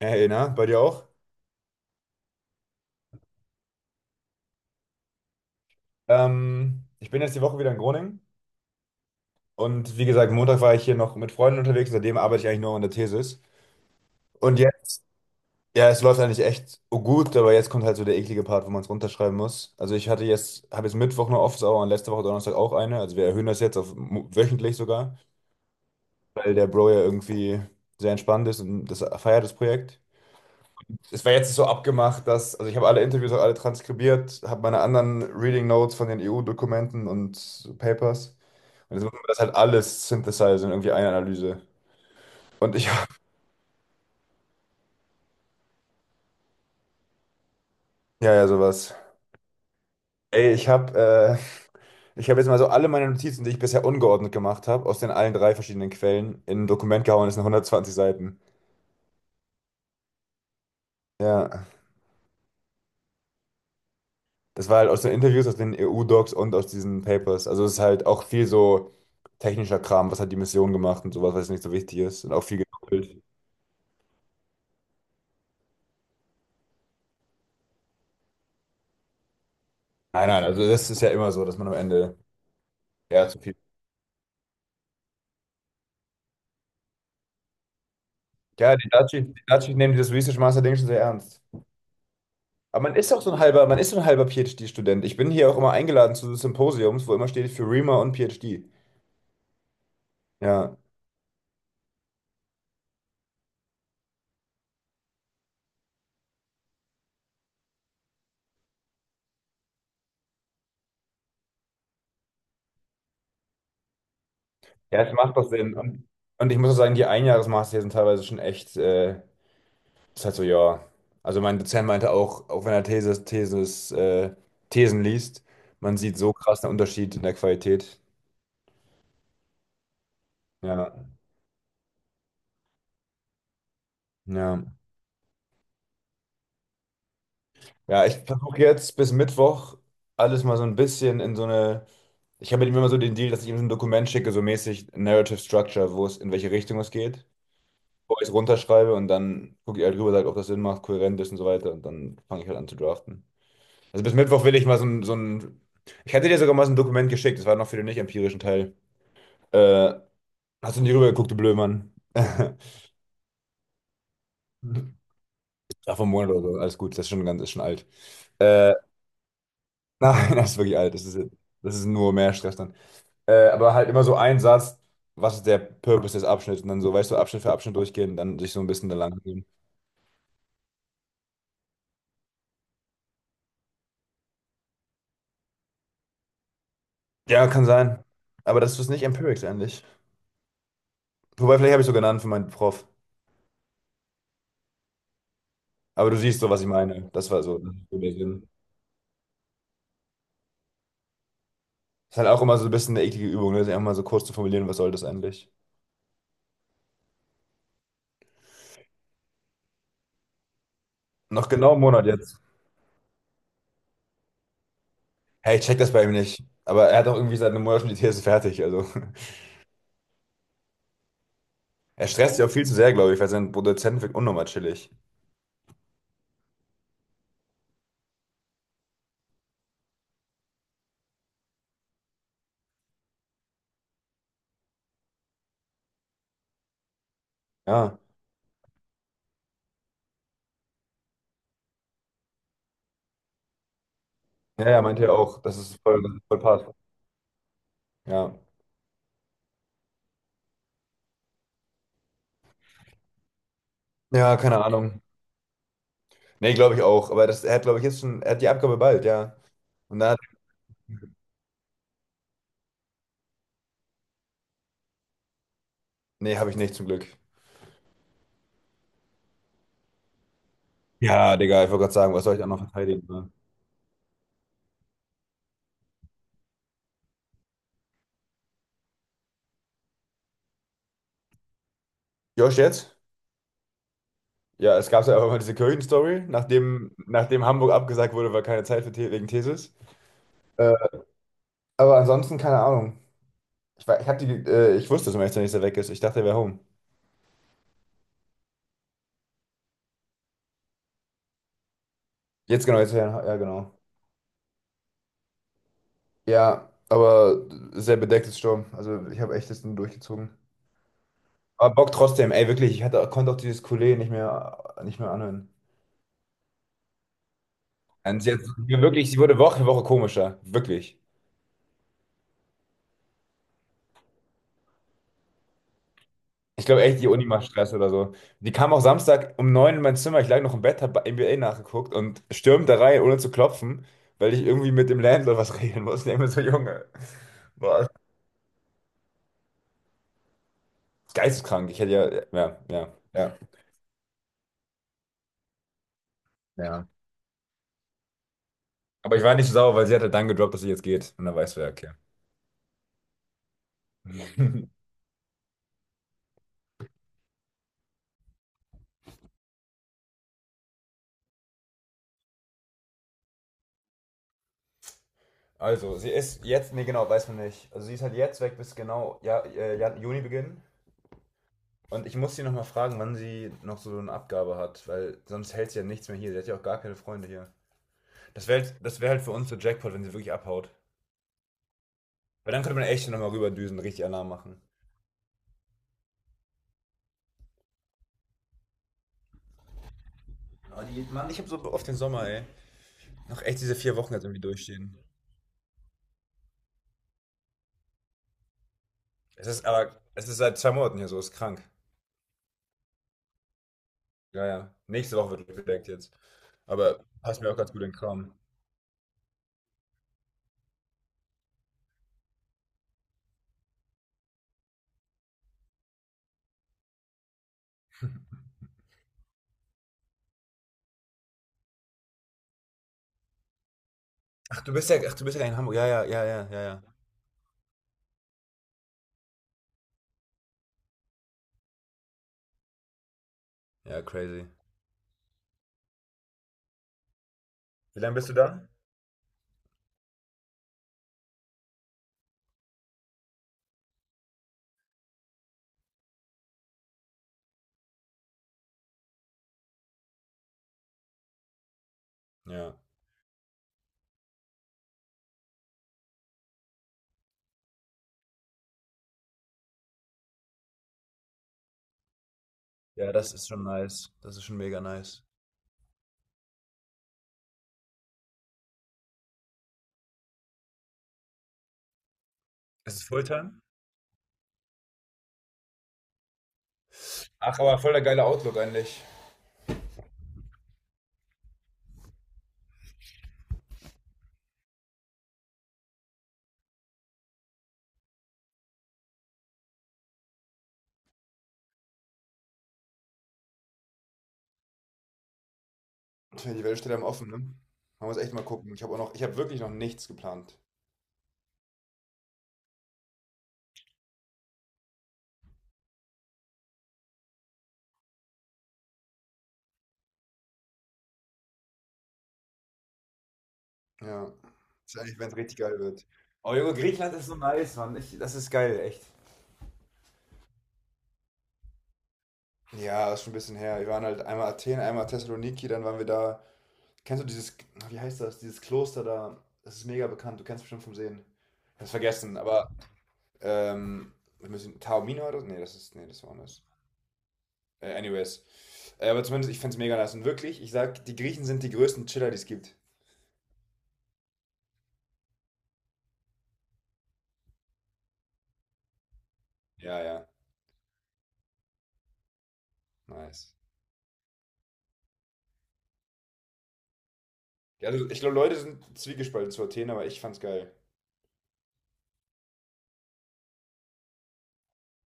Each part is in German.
Hey, na, bei dir auch? Ich bin jetzt die Woche wieder in Groningen und wie gesagt, Montag war ich hier noch mit Freunden unterwegs, seitdem arbeite ich eigentlich nur an der Thesis. Und jetzt, ja, es läuft eigentlich echt gut, aber jetzt kommt halt so der eklige Part, wo man es runterschreiben muss. Also ich habe jetzt Mittwoch eine Office-Hour und letzte Woche Donnerstag auch eine. Also wir erhöhen das jetzt auf wöchentlich sogar, weil der Bro ja irgendwie sehr entspannt ist und das feiert das Projekt. Es war jetzt so abgemacht, dass, also ich habe alle Interviews auch alle transkribiert, habe meine anderen Reading Notes von den EU-Dokumenten und so Papers. Und jetzt muss man das halt alles synthesizen, in irgendwie eine Analyse. Und ich habe, ja, ja, sowas. Ey, ich habe jetzt mal so alle meine Notizen, die ich bisher ungeordnet gemacht habe, aus den allen drei verschiedenen Quellen, in ein Dokument gehauen, das sind 120 Seiten. Ja. Das war halt aus den Interviews, aus den EU-Docs und aus diesen Papers. Also es ist halt auch viel so technischer Kram, was hat die Mission gemacht und sowas, was nicht so wichtig ist. Und auch viel gedoppelt. Nein, nein, also das ist ja immer so, dass man am Ende ja zu viel. Ja, die Dutchies nehmen dieses Research Master Ding schon sehr ernst. Aber man ist auch so ein halber, man ist so ein halber PhD-Student. Ich bin hier auch immer eingeladen zu Symposiums, wo immer steht für REMA und PhD. Ja. Ja, es macht doch Sinn. Und ich muss auch sagen, die Einjahresmaster hier sind teilweise schon echt. Ist halt so, ja. Also mein Dozent meinte auch, auch wenn er Thesen liest, man sieht so krass einen Unterschied in der Qualität. Ja, ja. Ja, ich versuche jetzt bis Mittwoch alles mal so ein bisschen in so eine. Ich habe mit ihm immer so den Deal, dass ich ihm so ein Dokument schicke, so mäßig Narrative Structure, wo es in welche Richtung es geht, wo ich es runterschreibe und dann gucke ich halt drüber, sage, ob das Sinn macht, kohärent ist und so weiter und dann fange ich halt an zu draften. Also bis Mittwoch will ich mal so ein, so ein. Ich hatte dir sogar mal so ein Dokument geschickt, das war noch für den nicht empirischen Teil. Äh, hast du nicht rübergeguckt, du Blödmann? Ach, vom Monat oder so, alles gut, das ist schon ganz, ist schon alt. Äh, nein, das ist wirklich alt, das ist nur mehr Stress dann. Aber halt immer so ein Satz, was ist der Purpose des Abschnitts und dann so, weißt du, Abschnitt für Abschnitt durchgehen und dann sich so ein bisschen da lang gehen. Ja, kann sein. Aber das ist nicht Empirics eigentlich. Wobei, vielleicht habe ich so genannt für meinen Prof. Aber du siehst so, was ich meine. Das war so. Das ist so der Sinn. Ist halt auch immer so ein bisschen eine eklige Übung, ne? Sich einfach mal so kurz zu formulieren, was soll das eigentlich? Noch genau einen Monat jetzt. Hey, ich check das bei ihm nicht. Aber er hat auch irgendwie seit einem Monat schon die These fertig. Also er stresst sich auch viel zu sehr, glaube ich, weil sein Produzent wirkt unnormal chillig. Ja. Ja, ja, meinte er auch. Das ist voll passt. Ja. Ja, keine Ahnung. Nee, glaube ich auch. Aber das, er hat, glaube ich, jetzt schon, er hat die Abgabe bald, ja. Und dann hat, nee, habe ich nicht zum Glück. Ja, Digga, ich wollte gerade sagen, was soll ich auch noch verteidigen? Ne? Josh jetzt? Ja, es gab ja auch immer diese Kirchen-Story, nachdem Hamburg abgesagt wurde, weil keine Zeit für The wegen Thesis. Äh, aber ansonsten keine Ahnung. Ich, war- ich, hab die, ich wusste, dass Meister nicht so weg ist. Ich dachte, er wäre home. Jetzt genau, jetzt ja, ja, genau. Ja, aber sehr bedecktes Sturm. Also ich habe echt das nur durchgezogen. Aber Bock trotzdem, ey, wirklich. Ich hatte, konnte auch dieses Coulet nicht mehr anhören. Und sie hat sie wirklich, sie wurde Woche für Woche komischer. Wirklich. Ich glaube echt, die Uni macht Stress oder so. Die kam auch Samstag um neun in mein Zimmer. Ich lag noch im Bett, habe NBA nachgeguckt und stürmt da rein, ohne zu klopfen, weil ich irgendwie mit dem Landlord was regeln musste. Ich denk mir so, Junge, boah, Geisteskrank. Ich hätte ja, ja, ja, ja, ja. Aber ich war nicht so sauer, weil sie hat halt dann gedroppt, dass sie jetzt geht. Und dann weißt du ja, okay. Also, sie ist jetzt, nee, genau, weiß man nicht. Also, sie ist halt jetzt weg bis genau ja, Juni beginnen. Und ich muss sie nochmal fragen, wann sie noch so eine Abgabe hat, weil sonst hält sie ja nichts mehr hier. Sie hat ja auch gar keine Freunde hier. Das wär halt für uns so Jackpot, wenn sie wirklich abhaut. Weil dann könnte man echt nochmal rüberdüsen, richtig Alarm machen. Oh, die, Mann, ich habe so oft den Sommer, ey. Noch echt diese 4 Wochen jetzt irgendwie durchstehen. Es ist seit 2 Monaten hier so, ist krank. Ja, ja. Nächste Woche wird gedeckt jetzt. Aber passt mir auch ganz gut in den Kram. Ach, du bist ja in Hamburg. Ja, ja, ja, ja, ja, ja. Ja, crazy. Wie lange bist du da? Ja. Ja, das ist schon nice. Das ist schon mega nice. Ist es Fulltime? Ach, aber voll der geile Outlook eigentlich. Tja, die Welt steht einem offen, ne? Man muss echt mal gucken. Ich habe auch noch, ich habe wirklich noch nichts geplant. Ja. Wahrscheinlich, wenn es richtig geil wird. Oh, Junge, Griechenland ist so nice, Mann. Ich, das ist geil, echt. Ja, ist schon ein bisschen her. Wir waren halt einmal Athen, einmal Thessaloniki, dann waren wir da. Kennst du dieses, na, wie heißt das, dieses Kloster da? Das ist mega bekannt, du kennst bestimmt vom Sehen. Ich hab's vergessen, aber ähm, wir müssen, Taormina oder? So? Nee, das ist, nee, das war anders. Anyways. Aber zumindest, ich find's mega nice. Und wirklich, ich sag, die Griechen sind die größten Chiller, die es gibt. Ja, ja, nice. Ja, also ich glaube, Leute sind zwiegespalten zu Athen, aber ich fand's geil.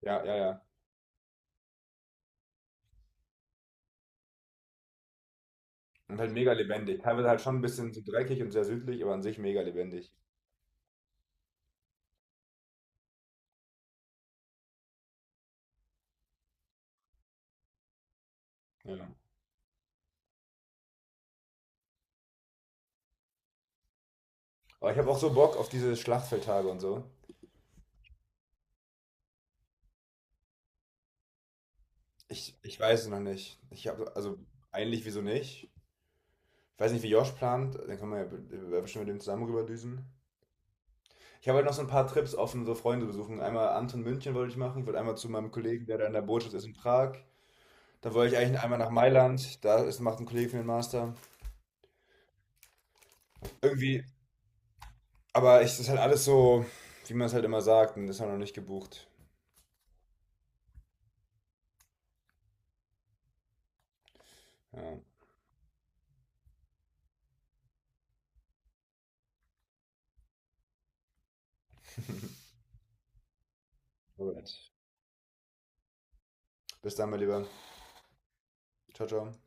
Ja, ja, ja. Und halt mega lebendig. Teilweise halt schon ein bisschen so dreckig und sehr südlich, aber an sich mega lebendig. Ja. Aber ich habe auch so Bock auf diese Schlachtfeldtage und so. Ich weiß es noch nicht. Ich habe, also eigentlich wieso nicht? Ich weiß nicht, wie Josh plant. Dann können wir ja bestimmt mit dem zusammen rüberdüsen. Ich habe halt noch so ein paar Trips offen, so Freunde besuchen. Einmal Anton München wollte ich machen. Ich wollte einmal zu meinem Kollegen, der da in der Botschaft ist in Prag. Dann wollte ich eigentlich einmal nach Mailand. Da ist, macht ein Kollege für den Master. Irgendwie, aber es ist halt alles so, wie man es halt immer sagt. Und das ist halt noch nicht gebucht. Ja. Alright. Bis dann, mein Lieber. Ciao, ciao.